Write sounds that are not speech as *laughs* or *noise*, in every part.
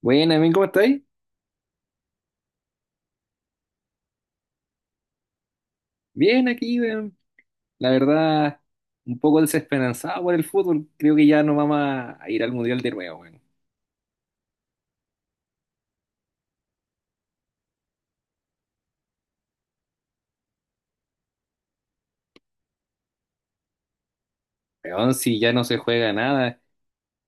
Bueno, Amin, ¿cómo estáis? Bien aquí, weón. La verdad, un poco desesperanzado por el fútbol. Creo que ya no vamos a ir al Mundial de nuevo, weón. Weón, si ya no se juega nada,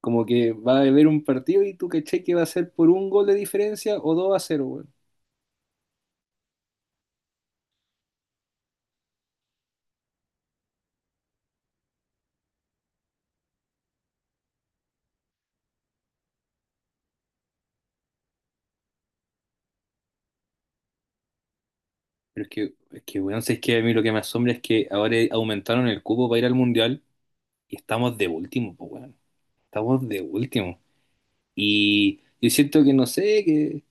como que va a haber un partido y tú caché que va a ser por un gol de diferencia o 2-0, weón. Pero es que, weón, si es que a mí lo que me asombra es que ahora aumentaron el cupo para ir al Mundial y estamos de último, pues, weón. Estamos de último. Y yo siento que no sé, que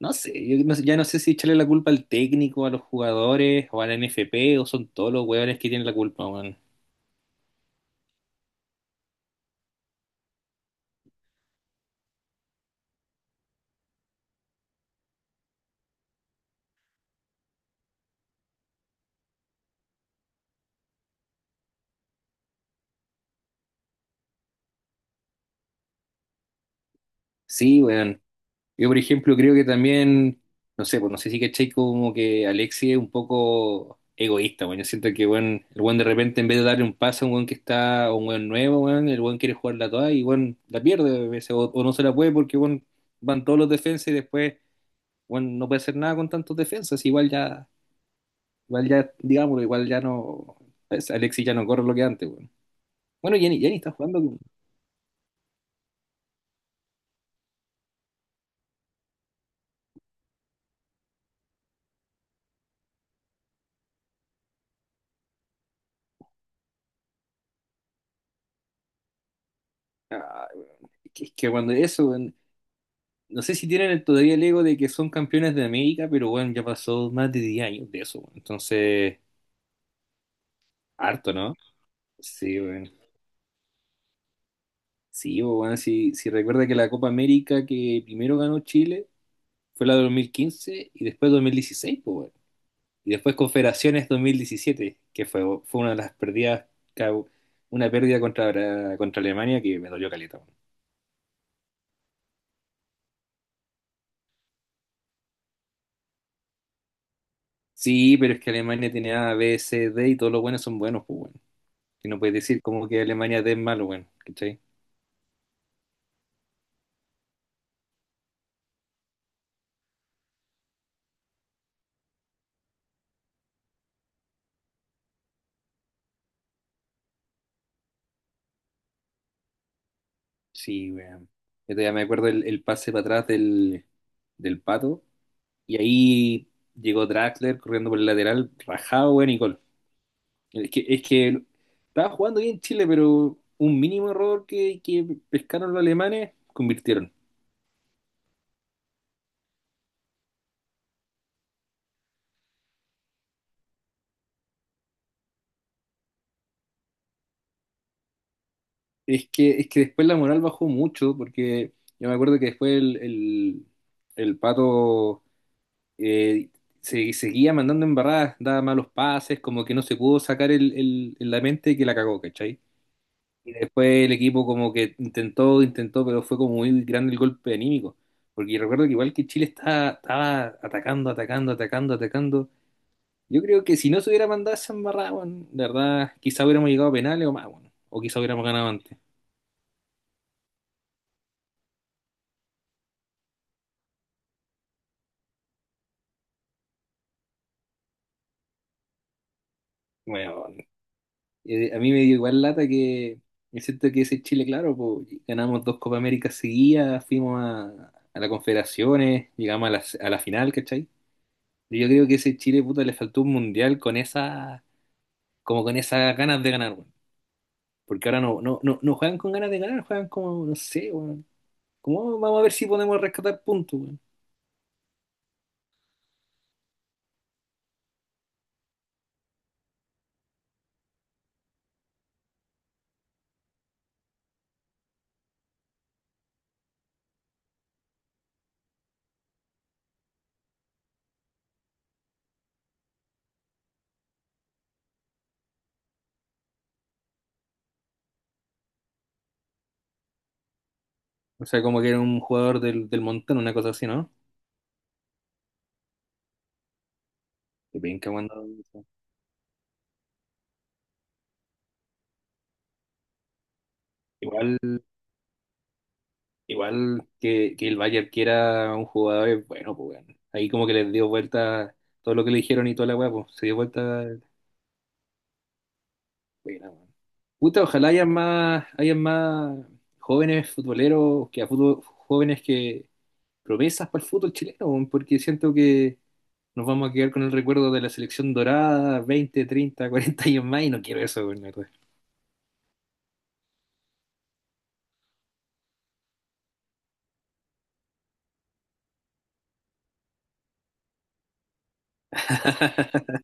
no sé, yo ya no sé si echarle la culpa al técnico, a los jugadores, o a la NFP, o son todos los hueones que tienen la culpa, weón. Sí, weón. Yo, por ejemplo, creo que también, no sé, pues no sé si caché como que Alexis es un poco egoísta, weón. Yo siento que, weón, el weón de repente, en vez de darle un pase a un weón que está, o un weón nuevo, weón, el weón quiere jugarla toda y, weón, la pierde a veces, o no se la puede porque, weón, van todos los defensas y después, weón, no puede hacer nada con tantos defensas, igual ya. Igual ya, digámoslo, igual ya no. Alexis ya no corre lo que antes, weón. Bueno, Jenny está jugando. Ah, weón. Es que cuando eso, weón, no sé si tienen todavía el ego de que son campeones de América, pero bueno, ya pasó más de 10 años de eso, weón. Entonces, harto, ¿no? Sí, bueno. Sí, bueno, si recuerda que la Copa América que primero ganó Chile fue la de 2015 y después 2016, pues, y después Confederaciones 2017, que fue una de las pérdidas, ca- una pérdida contra Alemania que me dolió caleta, weón. Sí, pero es que Alemania tiene A, B, C, D y todos los buenos son buenos, pues bueno. Y no puedes decir como que Alemania D es malo, weón, ¿cachai? Sí, weón. Yo todavía me acuerdo el pase para atrás del Pato y ahí llegó Draxler corriendo por el lateral, rajado, weón, y gol. Es que estaba jugando bien Chile, pero un mínimo error que pescaron los alemanes, convirtieron. Es que después la moral bajó mucho, porque yo me acuerdo que después el Pato eh, seguía mandando embarradas, daba malos pases, como que no se pudo sacar la mente que la cagó, ¿cachai? Y después el equipo como que intentó, intentó, pero fue como muy grande el golpe anímico. Porque recuerdo que igual que Chile estaba, estaba atacando, atacando, atacando, atacando. Yo creo que si no se hubiera mandado esa embarrada, weón, de verdad, quizá hubiéramos llegado a penales o más, weón. O quizá hubiéramos ganado antes. Bueno, a mí me dio igual lata me que ese Chile, claro, pues, ganamos dos Copa América seguidas, fuimos a la Confederaciones, llegamos a la final, ¿cachai? Y yo creo que ese Chile, puta, le faltó un mundial con esa, como con esas ganas de ganar, weón. Porque ahora no juegan con ganas de ganar, juegan como, no sé, weón. ¿Cómo vamos a ver si podemos rescatar puntos? O sea, como que era un jugador del montón, una cosa así, ¿no? Qué penca cuando... Igual, igual que el Bayern quiera un jugador, es bueno, pues bueno. Ahí como que les dio vuelta todo lo que le dijeron y toda la weá, pues, se dio vuelta. Buena, weón. Puta, ojalá hayan más jóvenes futboleros, que jóvenes que promesas para el fútbol chileno, weón, porque siento que nos vamos a quedar con el recuerdo de la selección dorada, 20, 30, 40 años más, y no quiero eso, weón, la verdad. *laughs*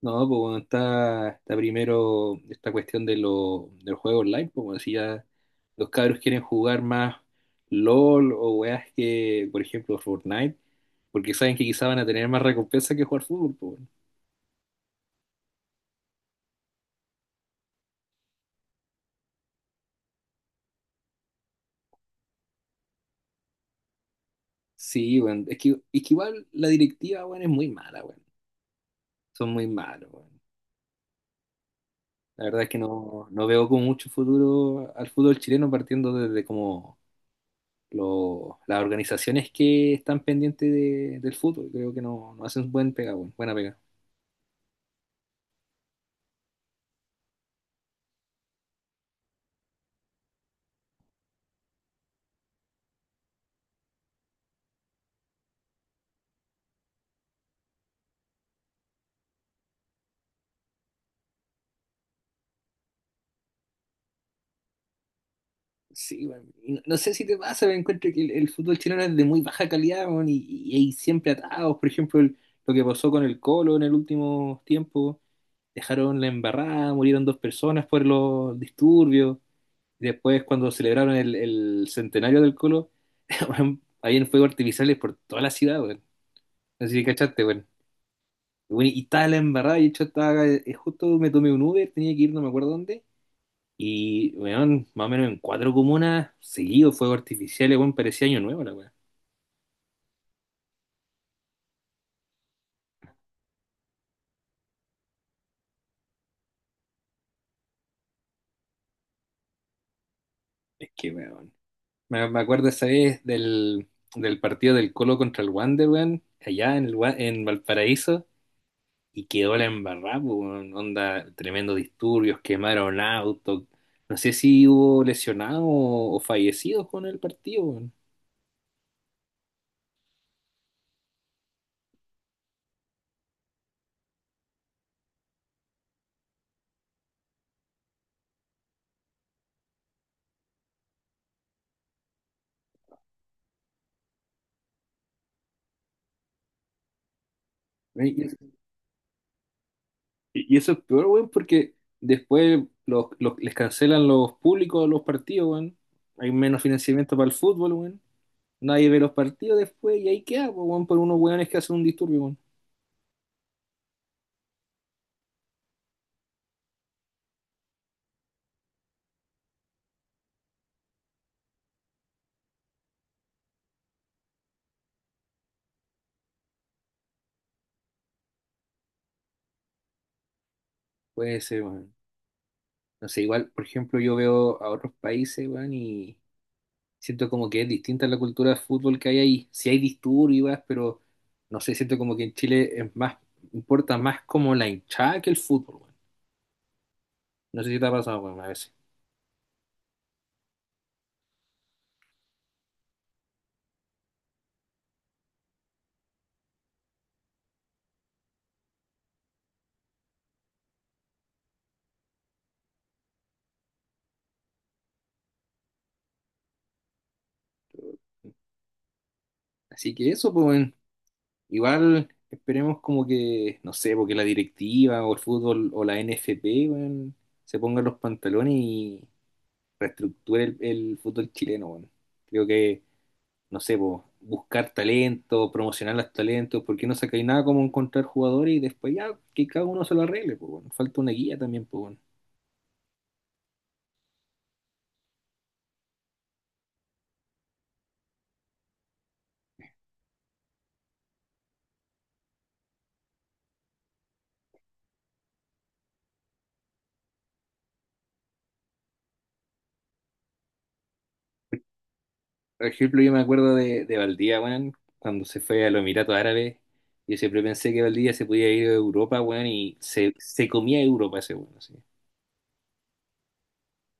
No, pues bueno, está primero esta cuestión del juego online, pues como ya los cabros quieren jugar más LOL o weas que, por ejemplo, Fortnite, porque saben que quizá van a tener más recompensa que jugar fútbol, pues bueno. Sí, bueno, es que igual la directiva, bueno, es muy mala, bueno, son muy malos, bueno. La verdad es que no veo con mucho futuro al fútbol chileno partiendo desde como las organizaciones que están pendientes del fútbol, creo que no hacen buen pega, bueno, buena pega. Sí, bueno, y no sé si te pasa, me encuentro que el fútbol chileno es de muy baja calidad, weón, y hay siempre atados. Por ejemplo, lo que pasó con el Colo en el último tiempo, dejaron la embarrada, murieron dos personas por los disturbios. Y después, cuando celebraron el centenario del Colo, *laughs* weón, habían fuegos artificiales por toda la ciudad, weón. No sé si cachaste, weón. Weón, y estaba la embarrada, y de hecho estaba, justo me tomé un Uber, tenía que ir, no me acuerdo dónde. Y, weón, más o menos en cuatro comunas, seguido fuegos artificiales weón, parecía año nuevo la weón. Es que, weón. Me acuerdo esa vez del partido del Colo contra el Wander, weón, allá en Valparaíso, y quedó la embarrada, po, weón. Onda, tremendos disturbios, quemaron autos. No sé si hubo lesionados o fallecidos con el partido, weón. Y eso es peor, weón, porque después les cancelan los públicos a los partidos, weón. Hay menos financiamiento para el fútbol, weón. Nadie ve los partidos después y ahí queda, po, weón, por unos weones que hacen un disturbio, weón. Puede ser, weón. No sé, igual, por ejemplo, yo veo a otros países, weón, y siento como que es distinta la cultura de fútbol que hay ahí. Sí hay disturbios, y pero no sé, siento como que en Chile es más, importa más como la hinchada que el fútbol, weón. No sé si te ha pasado, weón, a veces. Así que eso, pues, weón. Igual esperemos como que, no sé, porque la directiva o el fútbol o la NFP, weón, se pongan los pantalones y reestructure el fútbol chileno, weón. Creo que, no sé, po, buscar talento, promocionar los talentos, porque no sacáis nada como encontrar jugadores y después ya que cada uno se lo arregle, pues, weón. Falta una guía también, pues, weón. Por ejemplo, yo me acuerdo de Valdía, weón, cuando se fue a los Emiratos Árabes. Yo siempre pensé que Valdía se podía ir a Europa, weón, y se comía Europa ese weón.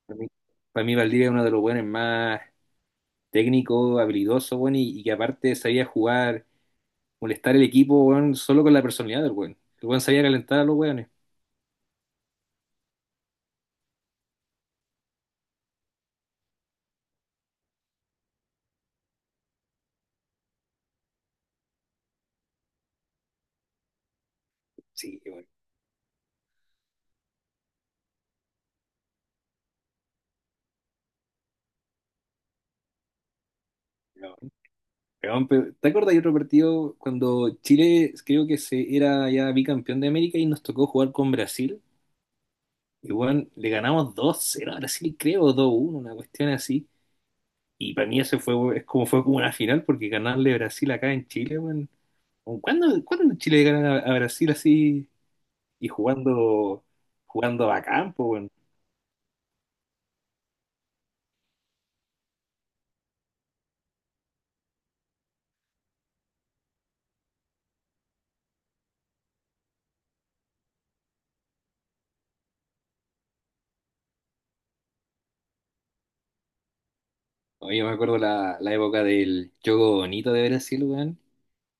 Para mí, para mí Valdivia es uno de los buenos más técnico, habilidoso, bueno, y que aparte sabía jugar, molestar el equipo, bueno, solo con la personalidad del weón. El weón sabía calentar a los weones. Sí, bueno. No, weón, ¿te acuerdas de otro partido cuando Chile creo que se era ya bicampeón de América y nos tocó jugar con Brasil? Y bueno, le ganamos 2-0 a Brasil, creo, 2-1 una cuestión así. Y para mí eso fue, es como fue como una final, porque ganarle a Brasil acá en Chile, bueno. ¿Cuándo Chile gana a Brasil así? Y jugando, jugando a campo, weón. Oye, yo me acuerdo la época del juego bonito de Brasil, weón.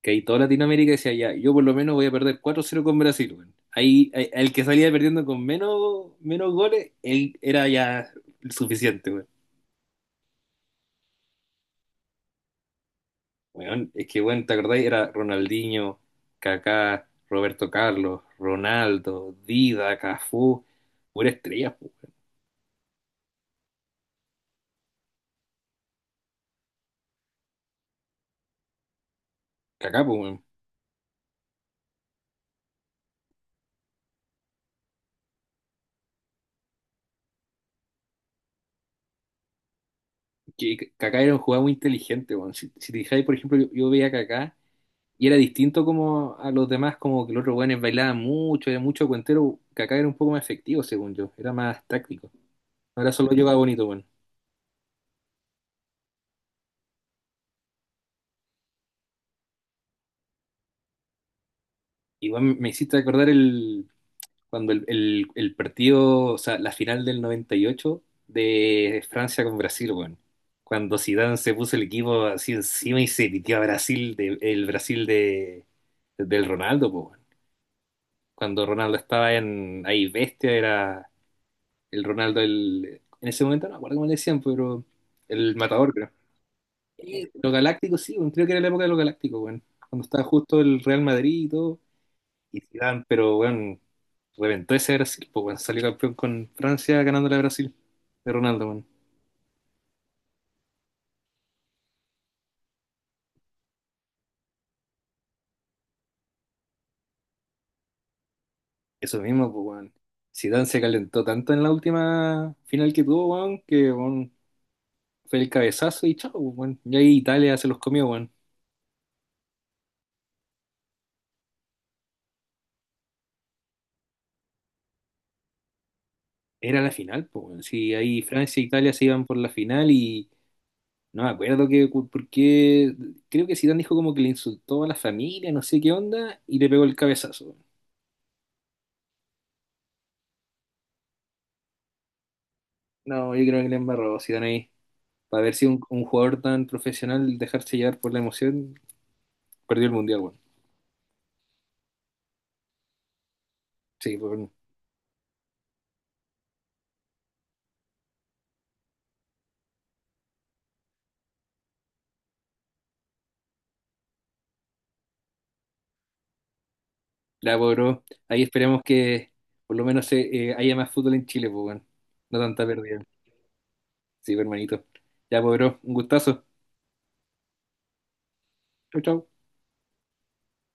Que ahí toda Latinoamérica decía, ya, yo por lo menos voy a perder 4-0 con Brasil, weón. El que salía perdiendo con menos, menos goles, él era ya suficiente, weón. Weón, es que, weón, ¿te acordáis? Era Ronaldinho, Kaká, Roberto Carlos, Ronaldo, Dida, Cafú, pura estrella, po, weón. Kaká, pues, que Kaká era un jugador muy inteligente, weón. Si te fijáis, por ejemplo, yo veía a Kaká y era distinto como a los demás, como que los otros weones bailaban mucho, era mucho cuentero. Kaká era un poco más efectivo, según yo, era más táctico. Ahora solo llevaba bonito, weón. Igual me hiciste acordar el cuando el partido, o sea, la final del 98 de Francia con Brasil, weón. Cuando Zidane se puso el equipo así encima y se pitió a Brasil, el Brasil del Ronaldo, po, weón. Cuando Ronaldo estaba en ahí bestia, era el Ronaldo, en ese momento no me acuerdo cómo le decían, pero el matador, creo. Lo galáctico, sí, bueno, creo que era la época de lo galáctico, bueno, cuando estaba justo el Real Madrid y todo, y Zidane, pero bueno, reventó ese Brasil, pues bueno, salió campeón con Francia ganándole a Brasil de Ronaldo, bueno. Eso mismo, pues bueno. Zidane se calentó tanto en la última final que tuvo, bueno, que bueno, fue el cabezazo y chao, pues, bueno. Y ahí Italia se los comió, bueno. Era la final, pues, weón. Sí, ahí Francia e Italia se iban por la final y no me acuerdo que, por qué. Creo que Zidane dijo como que le insultó a la familia, no sé qué onda, y le pegó el cabezazo. No, yo creo que le embarró Zidane ahí. Para ver si un jugador tan profesional dejarse llevar por la emoción, perdió el mundial, bueno. Sí, pues, weón. La logró. Ahí esperamos que por lo menos haya más fútbol en Chile, pues, weón. No tanta pérdida. Sí, pues, hermanito. Ya, pues, bro, un gustazo. Chau, chau.